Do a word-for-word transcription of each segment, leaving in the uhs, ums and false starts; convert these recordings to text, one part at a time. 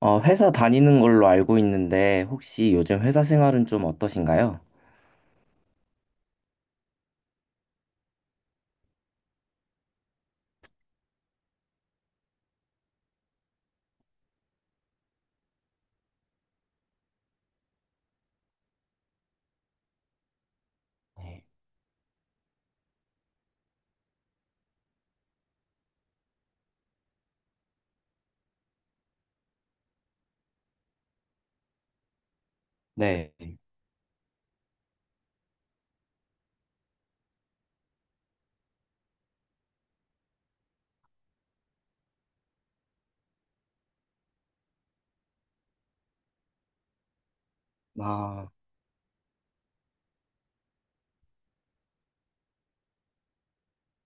어, 회사 다니는 걸로 알고 있는데 혹시 요즘 회사 생활은 좀 어떠신가요? 네. 아,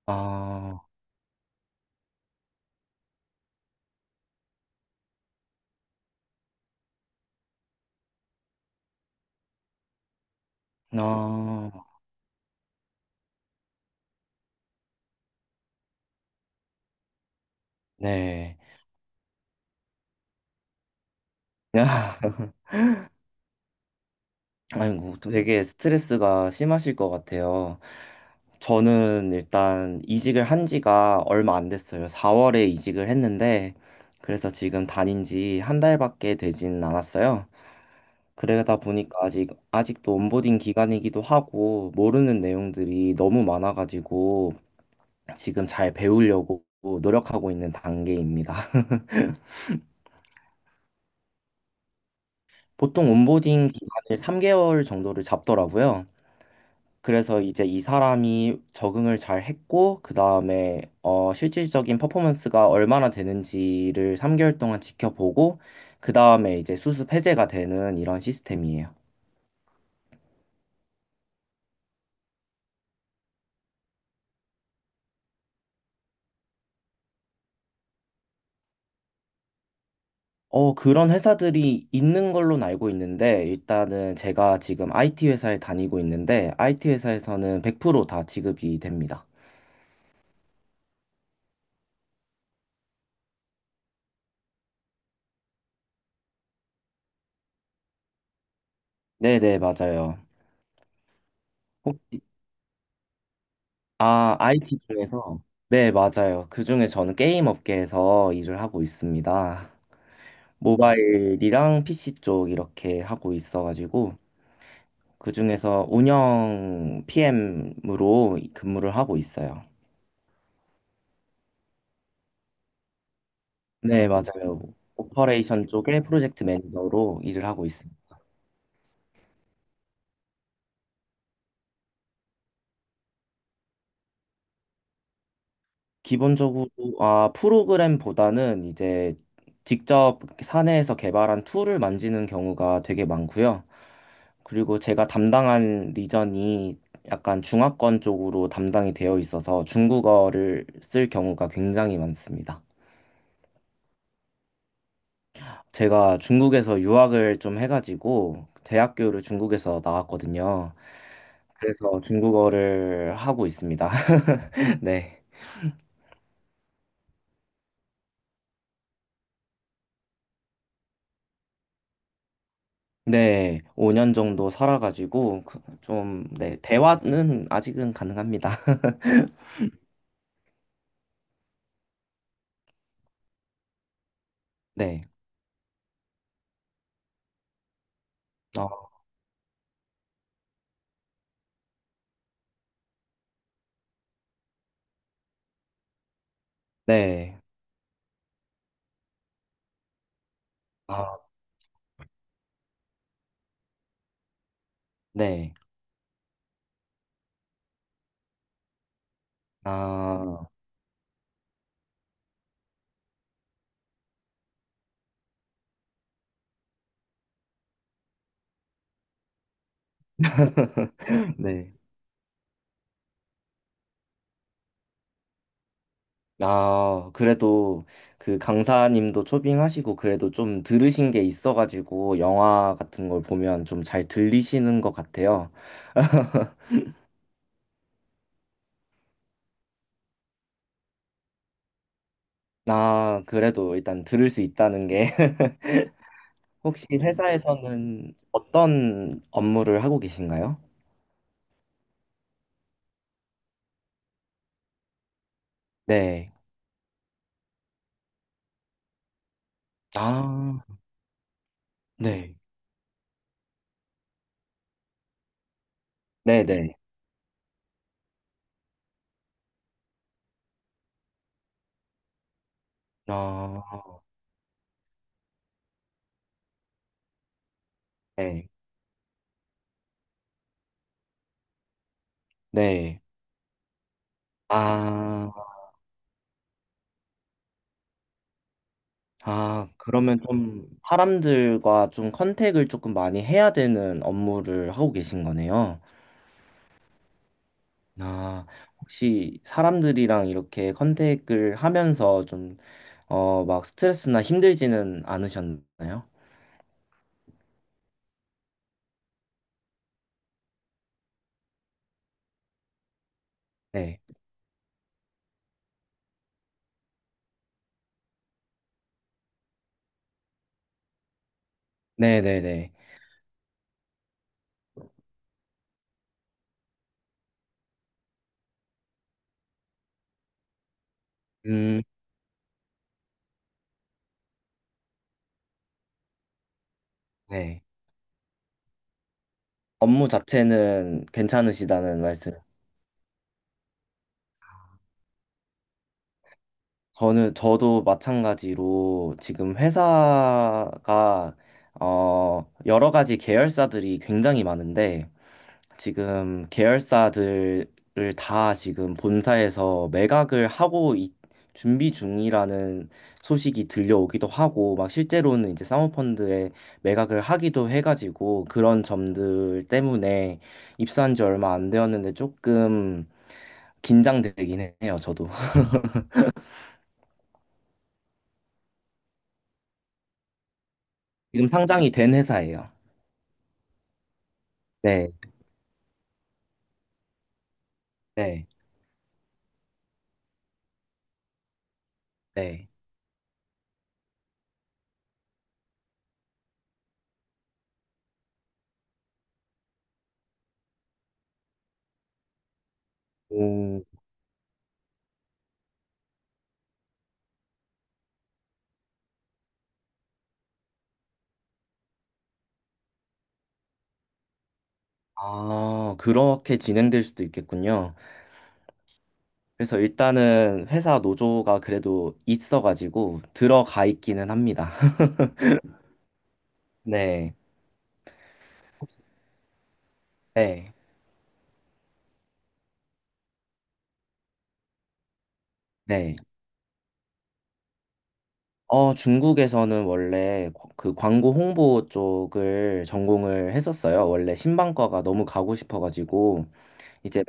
아, 아, 네. 아이고, 되게 스트레스가 심하실 것 같아요. 저는 일단 이직을 한 지가 얼마 안 됐어요. 사월에 이직을 했는데, 그래서 지금 다닌 지 한 달밖에 되진 않았어요. 그러다 보니까 아직, 아직도 온보딩 기간이기도 하고, 모르는 내용들이 너무 많아가지고, 지금 잘 배우려고 노력하고 있는 단계입니다. 보통 온보딩 기간을 삼 개월 정도를 잡더라고요. 그래서 이제 이 사람이 적응을 잘 했고, 그 다음에 어, 실질적인 퍼포먼스가 얼마나 되는지를 삼 개월 동안 지켜보고, 그 다음에 이제 수습 해제가 되는 이런 시스템이에요. 어, 그런 회사들이 있는 걸로 알고 있는데, 일단은 제가 지금 아이티 회사에 다니고 있는데, 아이티 회사에서는 백 퍼센트 다 지급이 됩니다. 네네, 맞아요. 아, 아이티 중에서? 네, 맞아요. 그중에 저는 게임 업계에서 일을 하고 있습니다. 모바일이랑 피씨 쪽 이렇게 하고 있어가지고, 그중에서 운영 피엠으로 근무를 하고 있어요. 네, 맞아요. 오퍼레이션 쪽에 프로젝트 매니저로 일을 하고 있습니다. 기본적으로 아, 프로그램보다는 이제 직접 사내에서 개발한 툴을 만지는 경우가 되게 많고요. 그리고 제가 담당한 리전이 약간 중화권 쪽으로 담당이 되어 있어서 중국어를 쓸 경우가 굉장히 많습니다. 제가 중국에서 유학을 좀 해가지고 대학교를 중국에서 나왔거든요. 그래서 중국어를 하고 있습니다. 네. 네, 오 년 정도 살아가지고 그- 좀, 네, 대화는 아직은 가능합니다. 네, 어, 네, 아, 네, 아, 네, 아, 그래도 그 강사님도 초빙하시고 그래도 좀 들으신 게 있어가지고 영화 같은 걸 보면 좀 잘 들리시는 것 같아요. 아, 그래도 일단 들을 수 있다는 게 혹시 회사에서는 어떤 업무를 하고 계신가요? 네, 아, 네. 네네. 아, 네. 네. 아, 아, 그러면 좀 사람들과 좀 컨택을 조금 많이 해야 되는 업무를 하고 계신 거네요. 아, 혹시 사람들이랑 이렇게 컨택을 하면서 좀, 어, 막 스트레스나 힘들지는 않으셨나요? 네. 네네네. 음, 네. 업무 자체는 괜찮으시다는 말씀. 저는 저도 마찬가지로 지금 회사가 어 여러 가지 계열사들이 굉장히 많은데 지금 계열사들을 다 지금 본사에서 매각을 하고 있- 준비 중이라는 소식이 들려오기도 하고 막 실제로는 이제 사모펀드에 매각을 하기도 해가지고 그런 점들 때문에 입사한 지 얼마 안 되었는데 조금 긴장되긴 해요, 저도. 지금 상장이 된 회사예요. 네. 네, 네. 오, 아, 그렇게 진행될 수도 있겠군요. 그래서 일단은 회사 노조가 그래도 있어가지고 들어가 있기는 합니다. 네, 네, 네. 어, 중국에서는 원래 고- 그 광고 홍보 쪽을 전공을 했었어요. 원래 신방과가 너무 가고 싶어가지고 이제,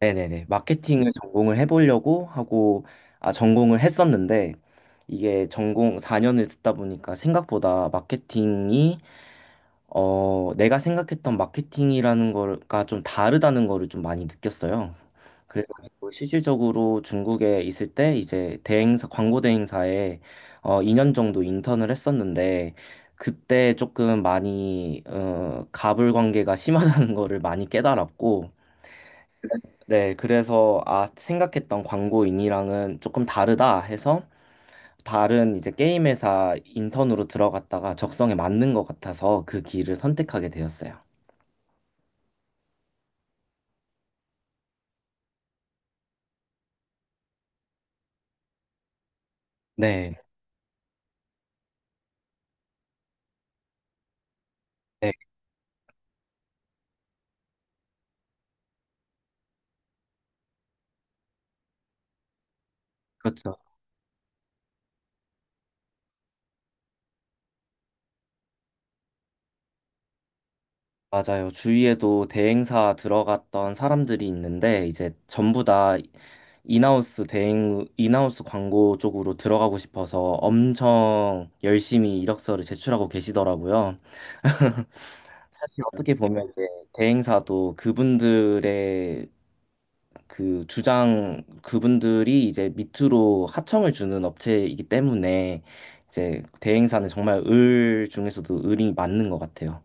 네네네, 마케팅을 전공을 해보려고 하고, 아, 전공을 했었는데, 이게 전공 사 년을 듣다 보니까 생각보다 마케팅이, 어, 내가 생각했던 마케팅이라는 거가 좀 다르다는 거를 좀 많이 느꼈어요. 그래가지고 실질적으로 중국에 있을 때 이제 대행사, 광고 대행사에 어, 이 년 정도 인턴을 했었는데, 그때 조금 많이, 어, 갑을 관계가 심하다는 거를 많이 깨달았고, 네, 그래서 아, 생각했던 광고인이랑은 조금 다르다 해서 다른 이제 게임 회사 인턴으로 들어갔다가 적성에 맞는 것 같아서 그 길을 선택하게 되었어요. 네, 네, 그렇죠. 맞아요. 주위에도 대행사 들어갔던 사람들이 있는데 이제 전부 다 인하우스 대행, 인하우스 광고 쪽으로 들어가고 싶어서 엄청 열심히 이력서를 제출하고 계시더라고요. 사실 어떻게 보면 이제 대행사도 그분들의 그 주장, 그분들이 이제 밑으로 하청을 주는 업체이기 때문에 이제 대행사는 정말 을 중에서도 을이 맞는 것 같아요.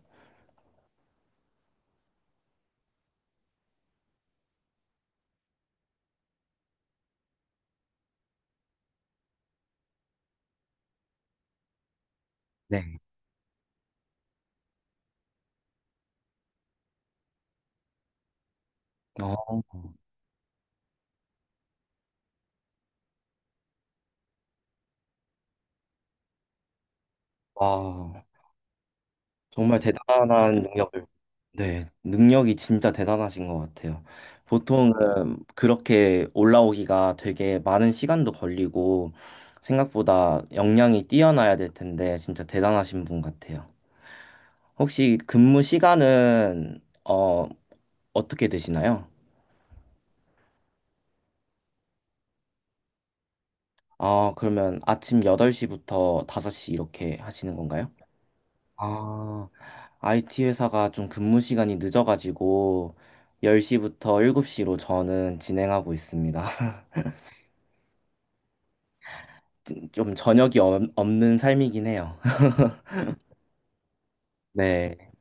네. 어, 와. 정말 대단한 능력을, 네, 능력이 진짜 대단하신 것 같아요. 보통은 그렇게 올라오기가 되게 많은 시간도 걸리고, 생각보다 역량이 뛰어나야 될 텐데, 진짜 대단하신 분 같아요. 혹시 근무 시간은, 어, 어떻게 되시나요? 아, 그러면 아침 여덟 시부터 다섯 시 이렇게 하시는 건가요? 아, 아이티 회사가 좀 근무 시간이 늦어가지고 열 시부터 일곱 시로 저는 진행하고 있습니다. 좀 저녁이 없- 없는 삶이긴 해요. 네.